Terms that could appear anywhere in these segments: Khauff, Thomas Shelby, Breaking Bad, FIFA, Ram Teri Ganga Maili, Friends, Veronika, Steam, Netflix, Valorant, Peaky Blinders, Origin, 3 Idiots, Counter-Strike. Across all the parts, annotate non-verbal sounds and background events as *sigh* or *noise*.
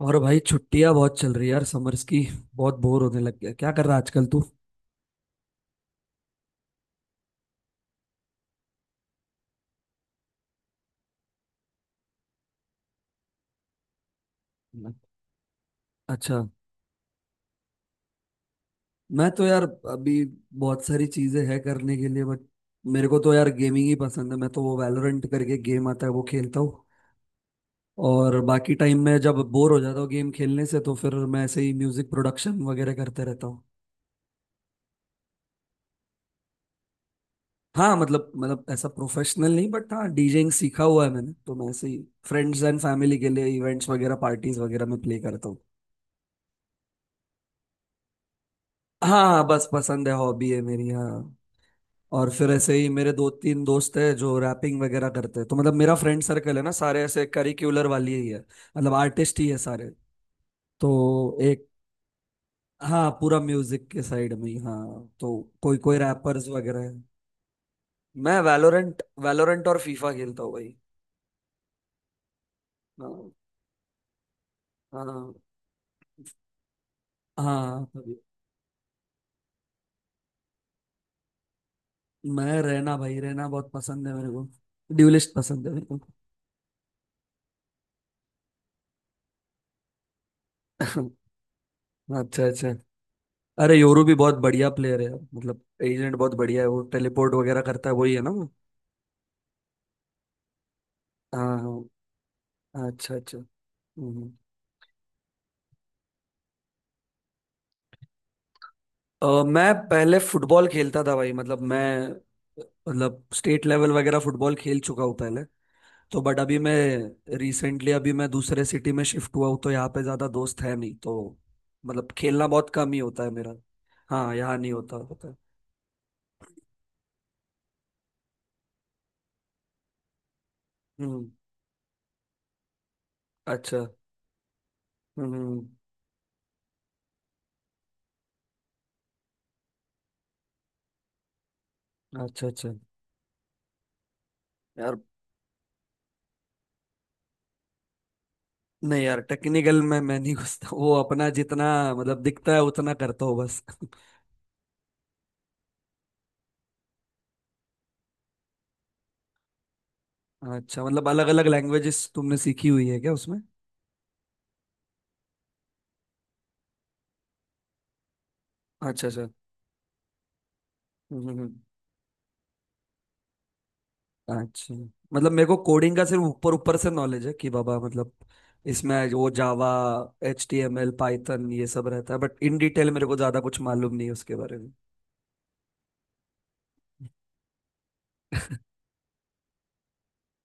और भाई छुट्टियां बहुत चल रही है यार समर्स की। बहुत बोर होने लग गया। क्या कर रहा है आजकल तू? अच्छा। मैं तो यार अभी बहुत सारी चीजें है करने के लिए बट मेरे को तो यार गेमिंग ही पसंद है। मैं तो वो वैलोरेंट करके गेम आता है वो खेलता हूँ। और बाकी टाइम में जब बोर हो जाता हूँ गेम खेलने से तो फिर मैं ऐसे ही म्यूजिक प्रोडक्शन वगैरह करते रहता हूँ। हाँ, मतलब ऐसा प्रोफेशनल नहीं बट हाँ, डीजेइंग सीखा हुआ है मैंने तो मैं ऐसे ही फ्रेंड्स एंड फैमिली के लिए इवेंट्स वगैरह पार्टीज वगैरह में प्ले करता हूँ। हाँ हाँ, बस पसंद है, हॉबी है मेरी, हाँ। और फिर ऐसे ही मेरे दो तीन दोस्त हैं जो रैपिंग वगैरह करते हैं तो मतलब मेरा फ्रेंड सर्कल है ना, सारे ऐसे करिकुलर वाली ही है। मतलब आर्टिस्ट ही है सारे। तो एक। हाँ, पूरा म्यूजिक के साइड में ही, हाँ। तो कोई कोई रैपर्स वगैरह है। मैं वैलोरेंट वैलोरेंट और फीफा खेलता हूँ भाई। हाँ हाँ। हाँ तभी। मैं रहना भाई, रहना बहुत पसंद है मेरे को। ड्यूलिस्ट पसंद है मेरे को। *laughs* अच्छा अच्छा। अरे योरू भी बहुत बढ़िया प्लेयर है, मतलब एजेंट बहुत बढ़िया है, वो टेलीपोर्ट वगैरह करता है वही है ना वो। हाँ हाँ, अच्छा अच्छा। हम्म। मैं पहले फुटबॉल खेलता था भाई, मतलब मैं, मतलब स्टेट लेवल वगैरह फुटबॉल खेल चुका हूँ पहले। तो बट अभी मैं रिसेंटली, अभी मैं दूसरे सिटी में शिफ्ट हुआ हूँ तो यहाँ पे ज्यादा दोस्त है नहीं, तो मतलब खेलना बहुत कम ही होता है मेरा। हाँ, यहाँ नहीं होता होता है। हम्म। अच्छा। हम्म। अच्छा अच्छा। यार नहीं यार, टेक्निकल में मैं नहीं घुसता, वो अपना जितना मतलब दिखता है उतना करता हो बस। *laughs* अच्छा, मतलब अलग अलग लैंग्वेजेस तुमने सीखी हुई है क्या उसमें? अच्छा अच्छा। हम्म, हम्म, हम्म। अच्छा। मतलब मेरे को कोडिंग का सिर्फ ऊपर ऊपर से नॉलेज है कि बाबा, मतलब इसमें वो Java, H T M L, Python ये सब रहता है बट इन डिटेल मेरे को ज्यादा कुछ मालूम नहीं है उसके बारे में।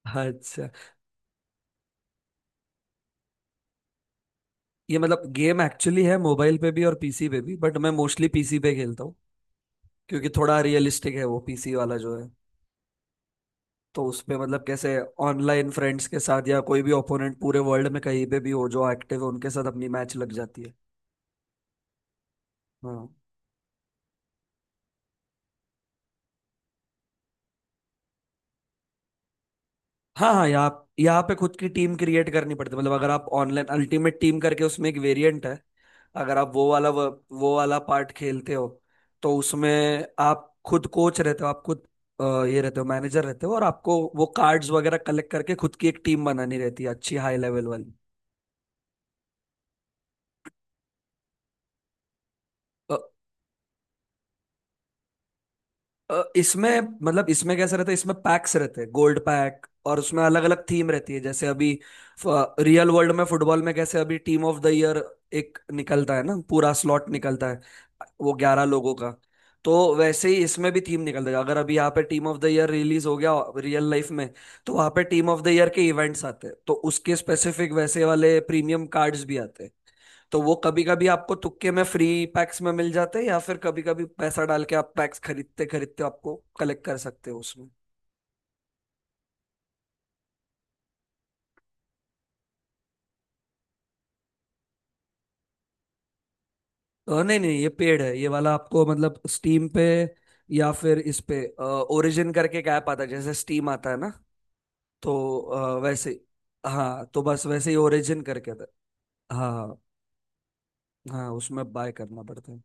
अच्छा, ये मतलब गेम एक्चुअली है मोबाइल पे भी और पीसी पे भी बट मैं मोस्टली पीसी पे खेलता हूँ क्योंकि थोड़ा रियलिस्टिक है वो पीसी वाला जो है। तो उसपे मतलब कैसे, ऑनलाइन फ्रेंड्स के साथ या कोई भी ओपोनेंट पूरे वर्ल्ड में कहीं पे भी हो जो एक्टिव है उनके साथ अपनी मैच लग जाती है। हाँ हाँ हाँ, यहाँ यहाँ पे खुद की टीम क्रिएट करनी पड़ती है, मतलब अगर आप ऑनलाइन अल्टीमेट टीम करके उसमें एक वेरिएंट है। अगर आप वो वाला पार्ट खेलते हो तो उसमें आप खुद कोच रहते हो, आप खुद ये रहते हो, मैनेजर रहते हो, और आपको वो कार्ड्स वगैरह कलेक्ट करके खुद की एक टीम बनानी रहती है, अच्छी हाई लेवल वाली। इसमें मतलब इसमें कैसा रहता है, इसमें पैक्स रहते हैं, गोल्ड पैक, और उसमें अलग अलग थीम रहती है जैसे अभी, रियल वर्ल्ड में फुटबॉल में कैसे अभी टीम ऑफ द ईयर एक निकलता है ना, पूरा स्लॉट निकलता है, वो 11 लोगों का। तो वैसे ही इसमें भी थीम निकल जाएगा अगर अभी यहाँ पे team of the year release हो गया रियल लाइफ में, तो वहाँ पे टीम ऑफ द ईयर के इवेंट्स आते हैं, तो उसके स्पेसिफिक वैसे वाले प्रीमियम कार्ड्स भी आते हैं। तो वो कभी कभी आपको तुक्के में फ्री पैक्स में मिल जाते हैं, या फिर कभी कभी पैसा डाल के आप पैक्स खरीदते खरीदते आपको कलेक्ट कर सकते हो उसमें। नहीं नहीं, ये पेड है, ये वाला आपको मतलब स्टीम पे या फिर इस पे ओरिजिन करके एक ऐप आता है जैसे स्टीम आता है ना। तो वैसे, हाँ तो बस वैसे ही ओरिजिन करके था। हाँ हाँ, उसमें बाय करना पड़ता है।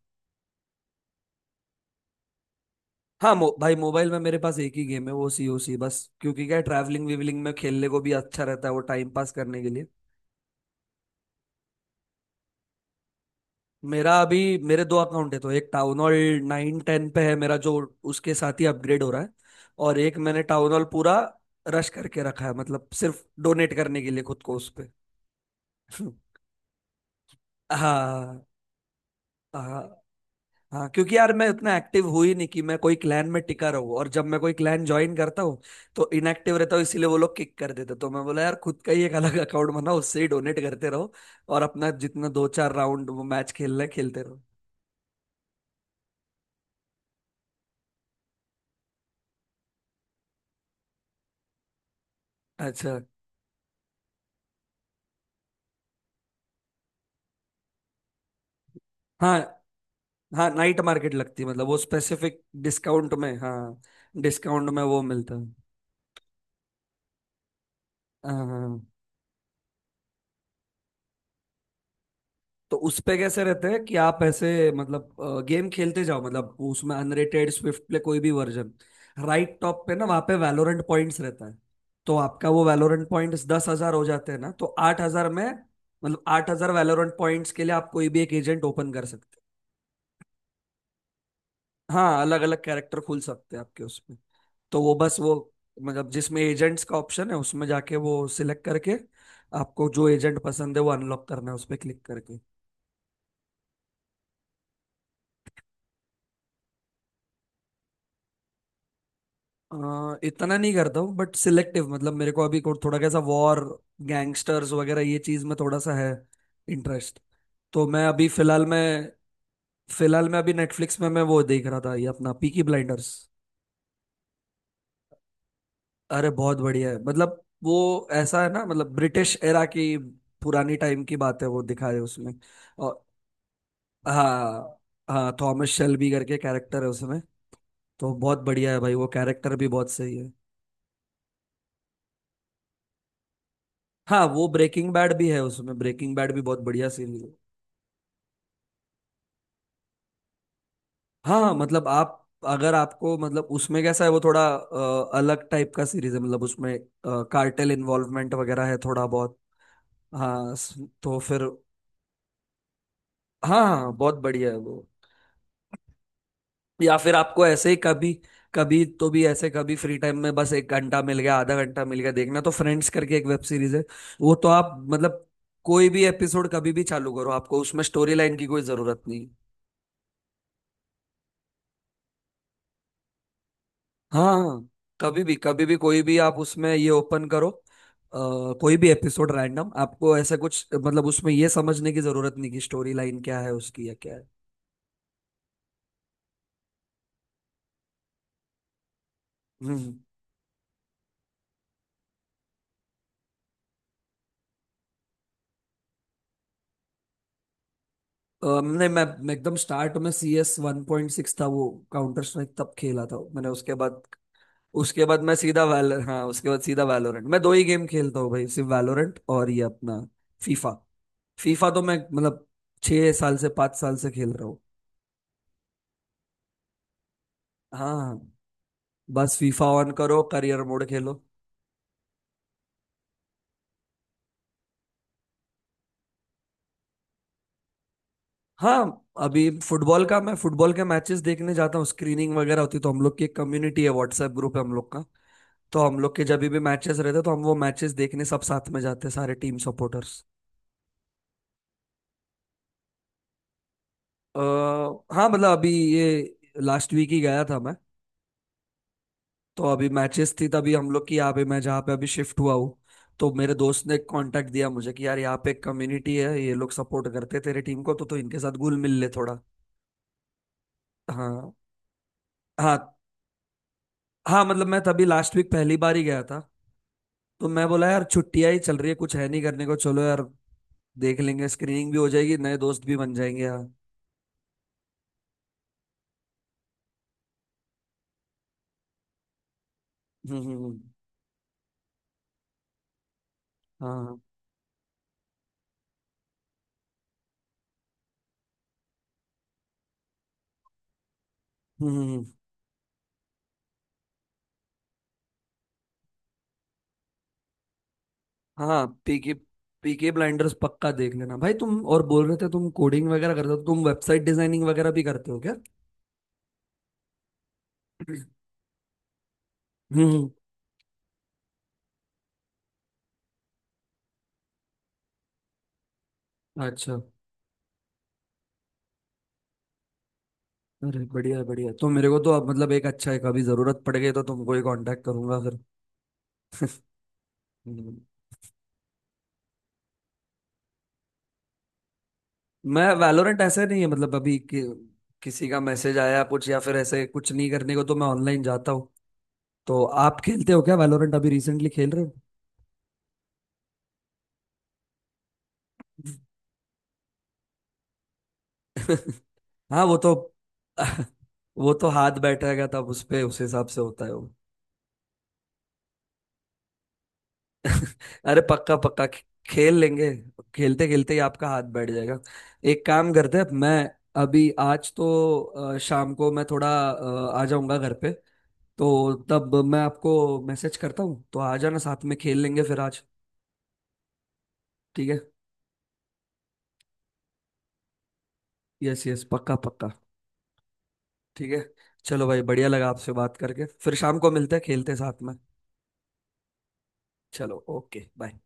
हाँ, भाई मोबाइल में मेरे पास एक ही गेम है वो सी ओ सी, बस क्योंकि क्या ट्रैवलिंग वीवलिंग में खेलने को भी अच्छा रहता है वो टाइम पास करने के लिए। मेरा, अभी मेरे दो अकाउंट है तो एक टाउन हॉल नाइन टेन पे है मेरा जो उसके साथ ही अपग्रेड हो रहा है, और एक मैंने टाउन हॉल पूरा रश करके रखा है, मतलब सिर्फ डोनेट करने के लिए खुद को उस पे। *laughs* हाँ हाँ हाँ, क्योंकि यार मैं उतना एक्टिव हुई नहीं कि मैं कोई क्लैन में टिका रहूं, और जब मैं कोई क्लैन ज्वाइन करता हूँ तो इनएक्टिव रहता हूँ इसीलिए वो लोग किक कर देते, तो मैं बोला यार खुद का ही एक अलग अकाउंट बनाओ, उससे ही डोनेट करते रहो और अपना जितना दो चार राउंड मैच खेलना है खेलते रहो। अच्छा। हाँ हाँ, नाइट मार्केट लगती है, मतलब वो स्पेसिफिक डिस्काउंट में, हाँ, डिस्काउंट में वो मिलता है। हाँ, तो उस पे कैसे रहते हैं कि आप ऐसे मतलब गेम खेलते जाओ, मतलब उसमें अनरेटेड, स्विफ्ट प्ले, कोई भी वर्जन, राइट टॉप पे ना वहाँ पे वैलोरेंट पॉइंट्स रहता है। तो आपका वो वैलोरेंट पॉइंट्स 10,000 हो जाते हैं ना, तो 8,000 में, मतलब 8,000 वैलोरेंट पॉइंट्स के लिए आप कोई भी एक एजेंट ओपन कर सकते हैं। हाँ, अलग अलग कैरेक्टर खुल सकते हैं आपके उसमें। तो वो बस, वो मतलब जिसमें एजेंट्स का ऑप्शन है उसमें जाके वो सिलेक्ट करके, आपको जो एजेंट पसंद है वो अनलॉक करना है उस पर क्लिक करके। इतना नहीं करता हूँ बट सिलेक्टिव, मतलब मेरे को अभी थोड़ा कैसा, वॉर, गैंगस्टर्स वगैरह ये चीज में थोड़ा सा है इंटरेस्ट। तो मैं अभी फिलहाल में अभी नेटफ्लिक्स में मैं वो देख रहा था ये अपना पीकी ब्लाइंडर्स। अरे बहुत बढ़िया है, मतलब वो ऐसा है ना, मतलब ब्रिटिश एरा की पुरानी टाइम की बात है वो, दिखाए उसमें। और हाँ हाँ, थॉमस शेल्बी करके कैरेक्टर है उसमें, तो बहुत बढ़िया है भाई, वो कैरेक्टर भी बहुत सही है। हाँ, वो ब्रेकिंग बैड भी है उसमें, ब्रेकिंग बैड भी बहुत बढ़िया सीरीज है। हाँ, मतलब आप, अगर आपको मतलब उसमें कैसा है वो, थोड़ा अलग टाइप का सीरीज है, मतलब उसमें कार्टेल इन्वॉल्वमेंट वगैरह है थोड़ा बहुत। हाँ, तो फिर हाँ हाँ बहुत बढ़िया है वो। या फिर आपको ऐसे ही कभी, कभी तो भी ऐसे कभी फ्री टाइम में बस एक घंटा मिल गया, आधा घंटा मिल गया देखना तो, फ्रेंड्स करके एक वेब सीरीज है, वो तो आप मतलब कोई भी एपिसोड कभी भी चालू करो, आपको उसमें स्टोरी लाइन की कोई जरूरत नहीं। हाँ, कभी भी कभी भी कोई भी आप उसमें ये ओपन करो, कोई भी एपिसोड रैंडम, आपको ऐसा कुछ मतलब उसमें ये समझने की जरूरत नहीं कि स्टोरी लाइन क्या है उसकी या क्या है। हम्म। नहीं, मैं एकदम स्टार्ट में सी एस 1.6 था वो, काउंटर स्ट्राइक तब खेला था मैंने उसके बाद। उसके बाद मैं सीधा वैल हाँ उसके बाद सीधा वैलोरेंट, मैं दो ही गेम खेलता हूँ भाई, सिर्फ वैलोरेंट और ये अपना फीफा फीफा तो मैं मतलब 6 साल से, 5 साल से खेल रहा हूँ। हाँ, बस फीफा ऑन करो, करियर मोड खेलो। हाँ, अभी फुटबॉल का, मैं फुटबॉल के मैचेस देखने जाता हूँ, स्क्रीनिंग वगैरह होती है, तो हम लोग की एक कम्युनिटी है, व्हाट्सएप ग्रुप है हम लोग का। तो हम लोग के जब भी मैचेस रहते हैं, तो हम वो मैचेस देखने सब साथ में जाते हैं, सारे टीम सपोर्टर्स। आ, हाँ मतलब अभी ये लास्ट वीक ही गया था मैं। तो अभी मैचेस थी तभी हम लोग की, यहाँ पे मैं जहाँ पे अभी शिफ्ट हुआ हूँ, तो मेरे दोस्त ने कांटेक्ट दिया मुझे कि यार यहाँ पे एक कम्युनिटी है, ये लोग सपोर्ट करते तेरे टीम को तो इनके साथ घुल मिल ले थोड़ा। हाँ हाँ हाँ, मतलब मैं तभी लास्ट वीक पहली बार ही गया था। तो मैं बोला यार छुट्टियां ही चल रही है कुछ है नहीं करने को, चलो यार देख लेंगे, स्क्रीनिंग भी हो जाएगी, नए दोस्त भी बन जाएंगे यार। हम्म हम्म हम्म, हाँ। हम्म हम्म, हम्म, हाँ, पीके पीके ब्लाइंडर्स पक्का देख लेना भाई। तुम और बोल रहे थे तुम कोडिंग वगैरह करते हो तो तुम वेबसाइट डिजाइनिंग वगैरह भी करते हो क्या? हम्म हम्म। अच्छा। अरे बढ़िया है, बढ़िया है। तो मेरे को तो अब मतलब एक अच्छा है, कभी जरूरत पड़ गई तो तुमको ही कांटेक्ट करूंगा फिर। हम्म। मैं वैलोरेंट ऐसे नहीं है, मतलब अभी कि, किसी का मैसेज आया कुछ या फिर ऐसे कुछ नहीं करने को तो मैं ऑनलाइन जाता हूँ। तो आप खेलते हो क्या वैलोरेंट, अभी रिसेंटली खेल रहे हो? *laughs* हाँ, वो तो। *laughs* वो तो हाथ बैठेगा तब, उस पे उस हिसाब से होता है वो। अरे पक्का पक्का, खेल लेंगे, खेलते खेलते ही आपका हाथ बैठ जाएगा। एक काम करते हैं, मैं अभी आज तो, शाम को मैं थोड़ा आ जाऊंगा घर पे, तो तब मैं आपको मैसेज करता हूँ तो आ जाना साथ में खेल लेंगे फिर आज। ठीक है, यस यस पक्का पक्का, ठीक है। चलो भाई, बढ़िया लगा आपसे बात करके, फिर शाम को मिलते हैं खेलते हैं साथ में। चलो, ओके बाय।